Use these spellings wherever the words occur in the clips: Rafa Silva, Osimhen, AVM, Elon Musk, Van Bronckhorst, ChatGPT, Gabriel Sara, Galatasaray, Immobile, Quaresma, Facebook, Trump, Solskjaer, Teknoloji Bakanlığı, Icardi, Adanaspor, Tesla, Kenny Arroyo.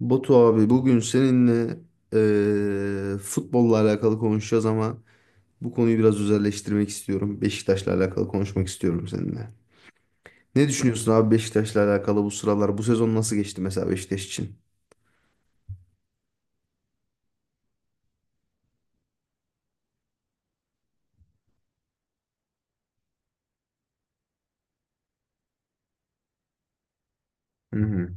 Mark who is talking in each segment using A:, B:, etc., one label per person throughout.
A: Batu abi, bugün seninle futbolla alakalı konuşacağız ama bu konuyu biraz özelleştirmek istiyorum. Beşiktaş'la alakalı konuşmak istiyorum seninle. Ne düşünüyorsun abi Beşiktaş'la alakalı bu sıralar? Bu sezon nasıl geçti mesela Beşiktaş için? Hı hı.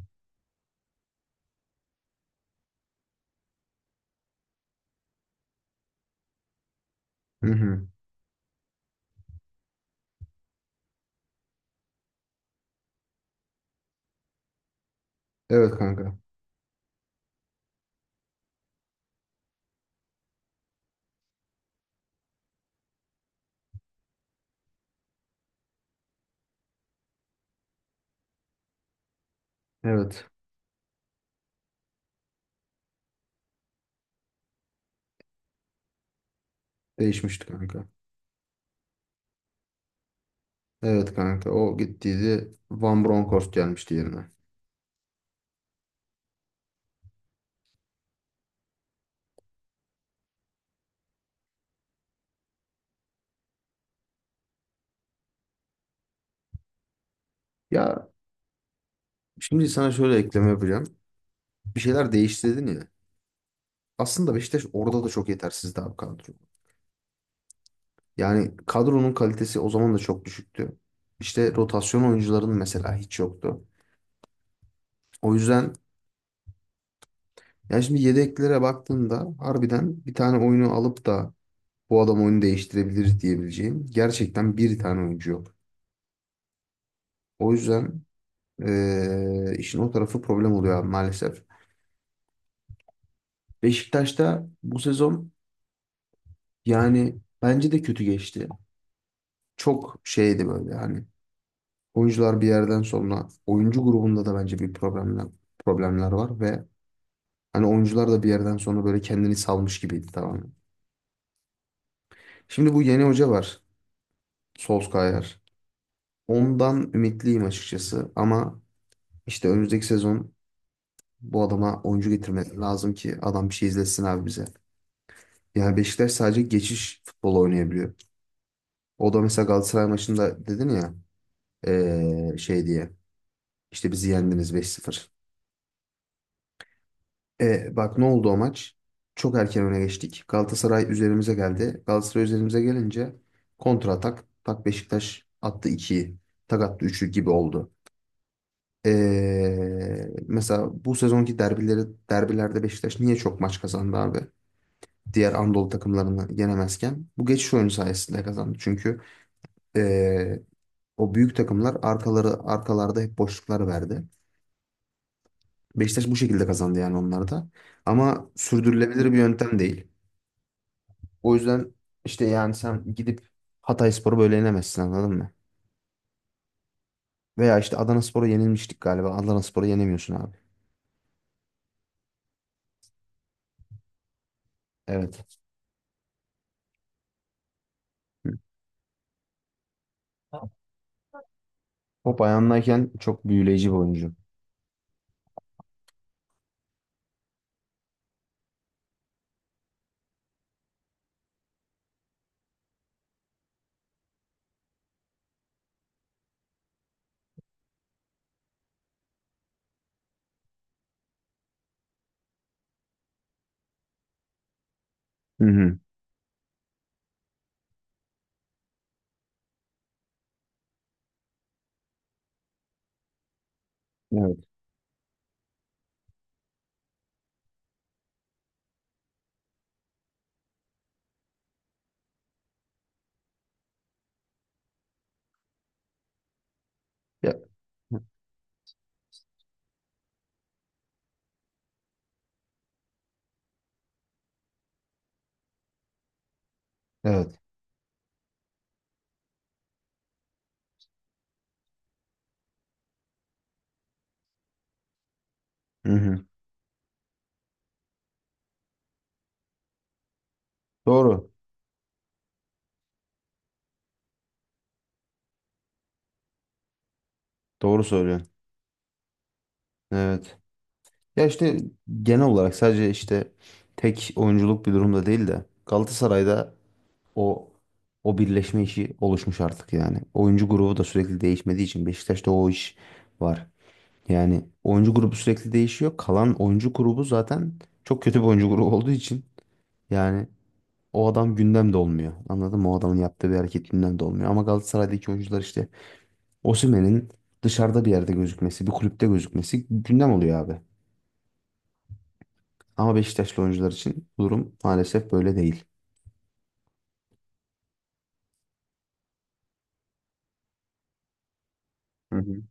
A: Hı hı. Evet kanka. Evet. Değişmişti kanka. Evet kanka. O gittiydi. Van Bronckhorst gelmişti yerine. Ya, şimdi sana şöyle ekleme yapacağım. Bir şeyler değişti dedin ya. Aslında Beşiktaş orada da çok yetersizdi abi kadro. Yani kadronun kalitesi o zaman da çok düşüktü. İşte rotasyon oyuncuların mesela hiç yoktu. O yüzden yani şimdi yedeklere baktığında harbiden bir tane oyunu alıp da bu adam oyunu değiştirebilir diyebileceğim gerçekten bir tane oyuncu yok. O yüzden işin o tarafı problem oluyor abi maalesef. Beşiktaş'ta bu sezon yani bence de kötü geçti. Çok şeydi böyle, hani oyuncular bir yerden sonra oyuncu grubunda da bence bir problemler var ve hani oyuncular da bir yerden sonra böyle kendini salmış gibiydi tamamen. Şimdi bu yeni hoca var. Solskjaer. Ondan ümitliyim açıkçası ama işte önümüzdeki sezon bu adama oyuncu getirmek lazım ki adam bir şey izletsin abi bize. Yani Beşiktaş sadece geçiş futbolu oynayabiliyor. O da mesela Galatasaray maçında dedin ya, şey diye işte bizi yendiniz beş sıfır. E, bak ne oldu o maç? Çok erken öne geçtik. Galatasaray üzerimize geldi. Galatasaray üzerimize gelince kontra atak. Tak, Beşiktaş attı 2'yi. Tak attı 3'ü gibi oldu. E, mesela bu sezonki derbileri, derbilerde Beşiktaş niye çok maç kazandı abi? Diğer Anadolu takımlarını yenemezken. Bu geçiş oyunu sayesinde kazandı. Çünkü e, o büyük takımlar arkaları arkalarda hep boşluklar verdi. Beşiktaş bu şekilde kazandı yani onlar da. Ama sürdürülebilir bir yöntem değil. O yüzden işte yani sen gidip Hatayspor'u böyle yenemezsin, anladın mı? Veya işte Adanaspor'a yenilmiştik galiba. Adanaspor'u yenemiyorsun abi. Evet. Hı. Top ayağındayken çok büyüleyici bir oyuncu. Hı hı. Evet. Ya- Evet. Hı hı. Doğru. Doğru söylüyorsun. Evet. Ya işte genel olarak sadece işte tek oyunculuk bir durumda değil de Galatasaray'da o, o birleşme işi oluşmuş artık yani. Oyuncu grubu da sürekli değişmediği için Beşiktaş'ta o iş var. Yani oyuncu grubu sürekli değişiyor. Kalan oyuncu grubu zaten çok kötü bir oyuncu grubu olduğu için yani o adam gündemde olmuyor. Anladın mı? O adamın yaptığı bir hareket gündemde olmuyor. Ama Galatasaray'daki oyuncular işte Osimhen'in dışarıda bir yerde gözükmesi, bir kulüpte gözükmesi gündem oluyor abi. Ama Beşiktaşlı oyuncular için bu durum maalesef böyle değil. Hı hı,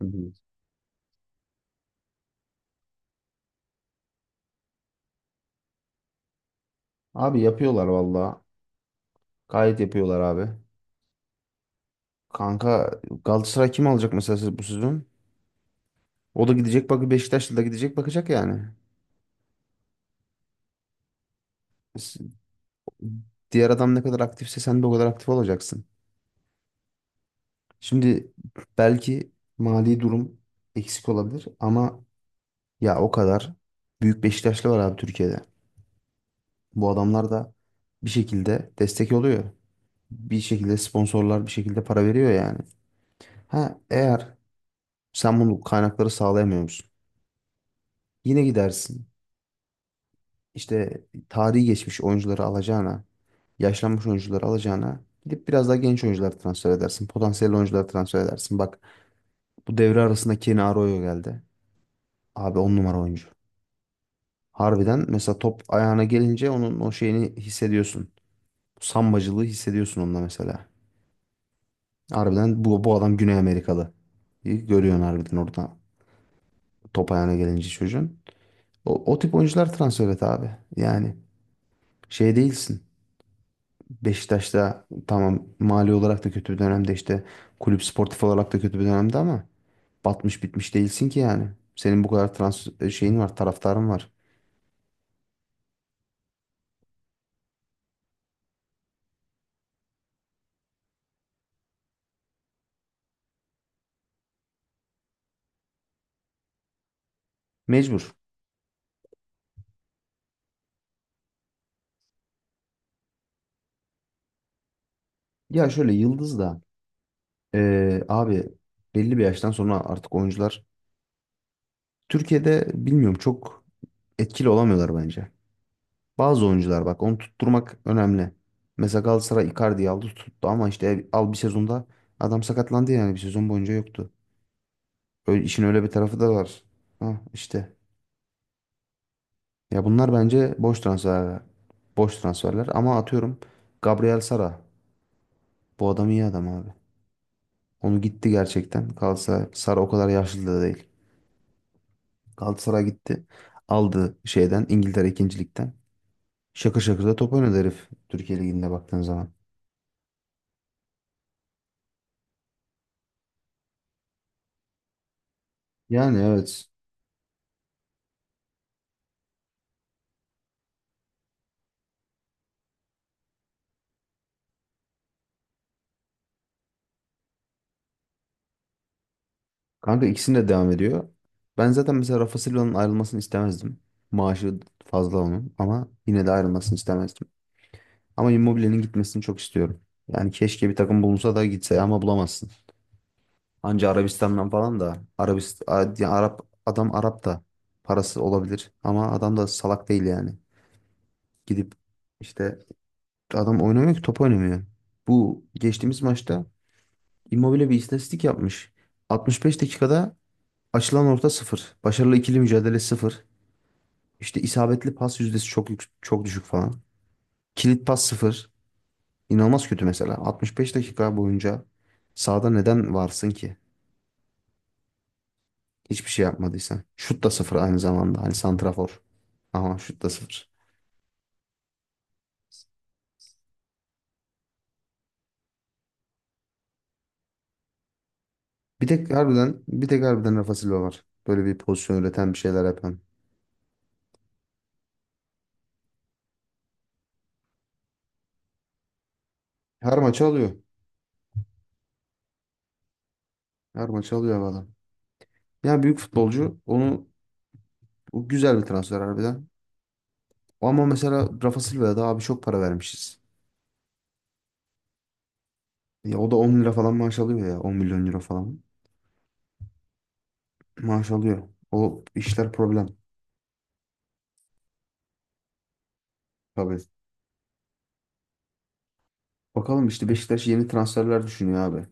A: hı hı. Abi yapıyorlar valla. Gayet yapıyorlar abi. Kanka Galatasaray kim alacak mesela siz- bu sezon? O da gidecek bak, Beşiktaşlı da gidecek bakacak yani. S- Diğer adam ne kadar aktifse sen de o kadar aktif olacaksın. Şimdi belki mali durum eksik olabilir ama ya o kadar büyük Beşiktaşlı var abi Türkiye'de. Bu adamlar da bir şekilde destek oluyor. Bir şekilde sponsorlar, bir şekilde para veriyor yani. Ha, eğer sen bunu kaynakları sağlayamıyor musun? Yine gidersin. İşte tarihi geçmiş oyuncuları alacağına, yaşlanmış oyuncuları alacağına gidip biraz daha genç oyuncular transfer edersin. Potansiyel oyuncular transfer edersin. Bak, bu devre arasında Kenny Arroyo geldi. Abi 10 numara oyuncu. Harbiden mesela top ayağına gelince onun o şeyini hissediyorsun. Sambacılığı hissediyorsun onda mesela. Harbiden bu adam Güney Amerikalı. İyi görüyorsun harbiden orada top ayağına gelince çocuğun. O tip oyuncular transfer et abi. Yani şey değilsin. Beşiktaş'ta tamam mali olarak da kötü bir dönemde, işte kulüp sportif olarak da kötü bir dönemde ama batmış bitmiş değilsin ki yani. Senin bu kadar trans e, şeyin var, taraftarın var. Mecbur. Ya şöyle, yıldız da abi belli bir yaştan sonra artık oyuncular Türkiye'de bilmiyorum çok etkili olamıyorlar bence. Bazı oyuncular bak, onu tutturmak önemli. Mesela Galatasaray Icardi'yi aldı tuttu ama işte al, bir sezonda adam sakatlandı yani bir sezon boyunca yoktu. Öyle, işin öyle bir tarafı da var. Ha, işte. Ya bunlar bence boş transfer. Boş transferler ama atıyorum Gabriel Sara. Bu adam iyi adam abi. Onu gitti gerçekten. Kalsa, Sara o kadar yaşlı da değil. Galatasaray gitti. Aldı şeyden, İngiltere ikincilikten. Şakır şakır da top oynadı herif. Türkiye Ligi'nde baktığın zaman. Yani evet. Kanka ikisinde de devam ediyor. Ben zaten mesela Rafa Silva'nın ayrılmasını istemezdim. Maaşı fazla onun ama yine de ayrılmasını istemezdim. Ama Immobile'nin gitmesini çok istiyorum. Yani keşke bir takım bulunsa da gitse ama bulamazsın. Anca Arabistan'dan falan da, Arabist A- ya Arap, adam Arap da parası olabilir ama adam da salak değil yani. Gidip işte adam oynamıyor ki, top oynamıyor. Bu geçtiğimiz maçta Immobile bir istatistik yapmış. 65 dakikada açılan orta sıfır. Başarılı ikili mücadele sıfır. İşte isabetli pas yüzdesi çok yük- çok düşük falan. Kilit pas sıfır. İnanılmaz kötü mesela. 65 dakika boyunca sahada neden varsın ki? Hiçbir şey yapmadıysan. Şut da sıfır aynı zamanda. Hani santrafor. Ama şut da sıfır. Bir tek harbiden Rafa Silva var. Böyle bir pozisyon üreten, bir şeyler yapan. Her maçı alıyor. Her maçı alıyor bu adam. Yani büyük futbolcu. Onu, o güzel bir transfer harbiden. Ama mesela Rafa Silva'ya da abi çok para vermişiz. Ya o da 10 lira falan maaş alıyor ya. 10 milyon euro falan maaş alıyor. O işler problem. Tabii. Bakalım işte Beşiktaş yeni transferler düşünüyor abi.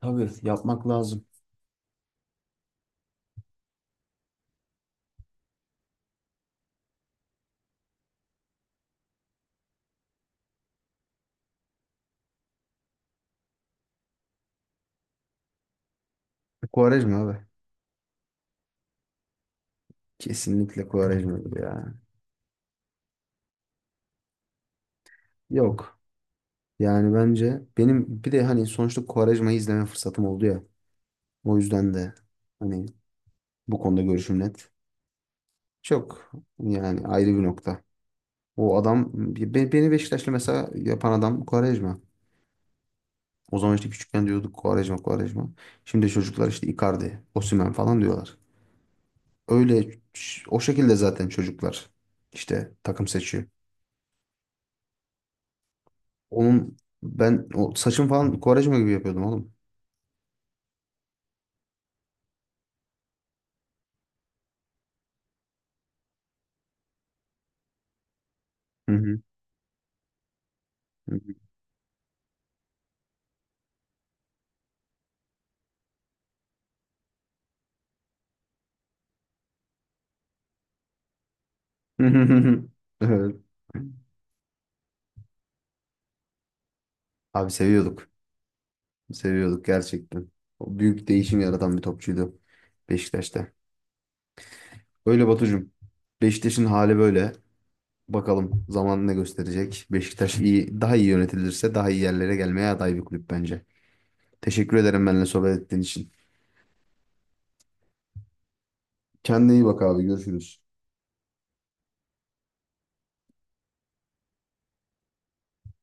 A: Tabii yapmak lazım. Quaresma abi. Kesinlikle Quaresma abi ya. Yok. Yani bence benim bir de hani sonuçta Quaresma'yı izleme fırsatım oldu ya. O yüzden de hani bu konuda görüşüm net. Çok, yani ayrı bir nokta. O adam beni Beşiktaşlı mesela yapan adam Quaresma. O zaman işte küçükken diyorduk Quaresma, Quaresma. Şimdi çocuklar işte Icardi, Osimhen falan diyorlar. Öyle, o şekilde zaten çocuklar işte takım seçiyor. Onun, ben o saçım falan Kovarejma gibi yapıyordum oğlum. Hı hı. Hı hı. Evet. Abi seviyorduk. Seviyorduk gerçekten. O büyük değişim yaratan bir topçuydu Beşiktaş'ta. Öyle Batucuğum. Beşiktaş'ın hali böyle. Bakalım zaman ne gösterecek. Beşiktaş iyi, daha iyi yönetilirse daha iyi yerlere gelmeye aday bir kulüp bence. Teşekkür ederim benimle sohbet ettiğin için. Kendine iyi bak abi. Görüşürüz.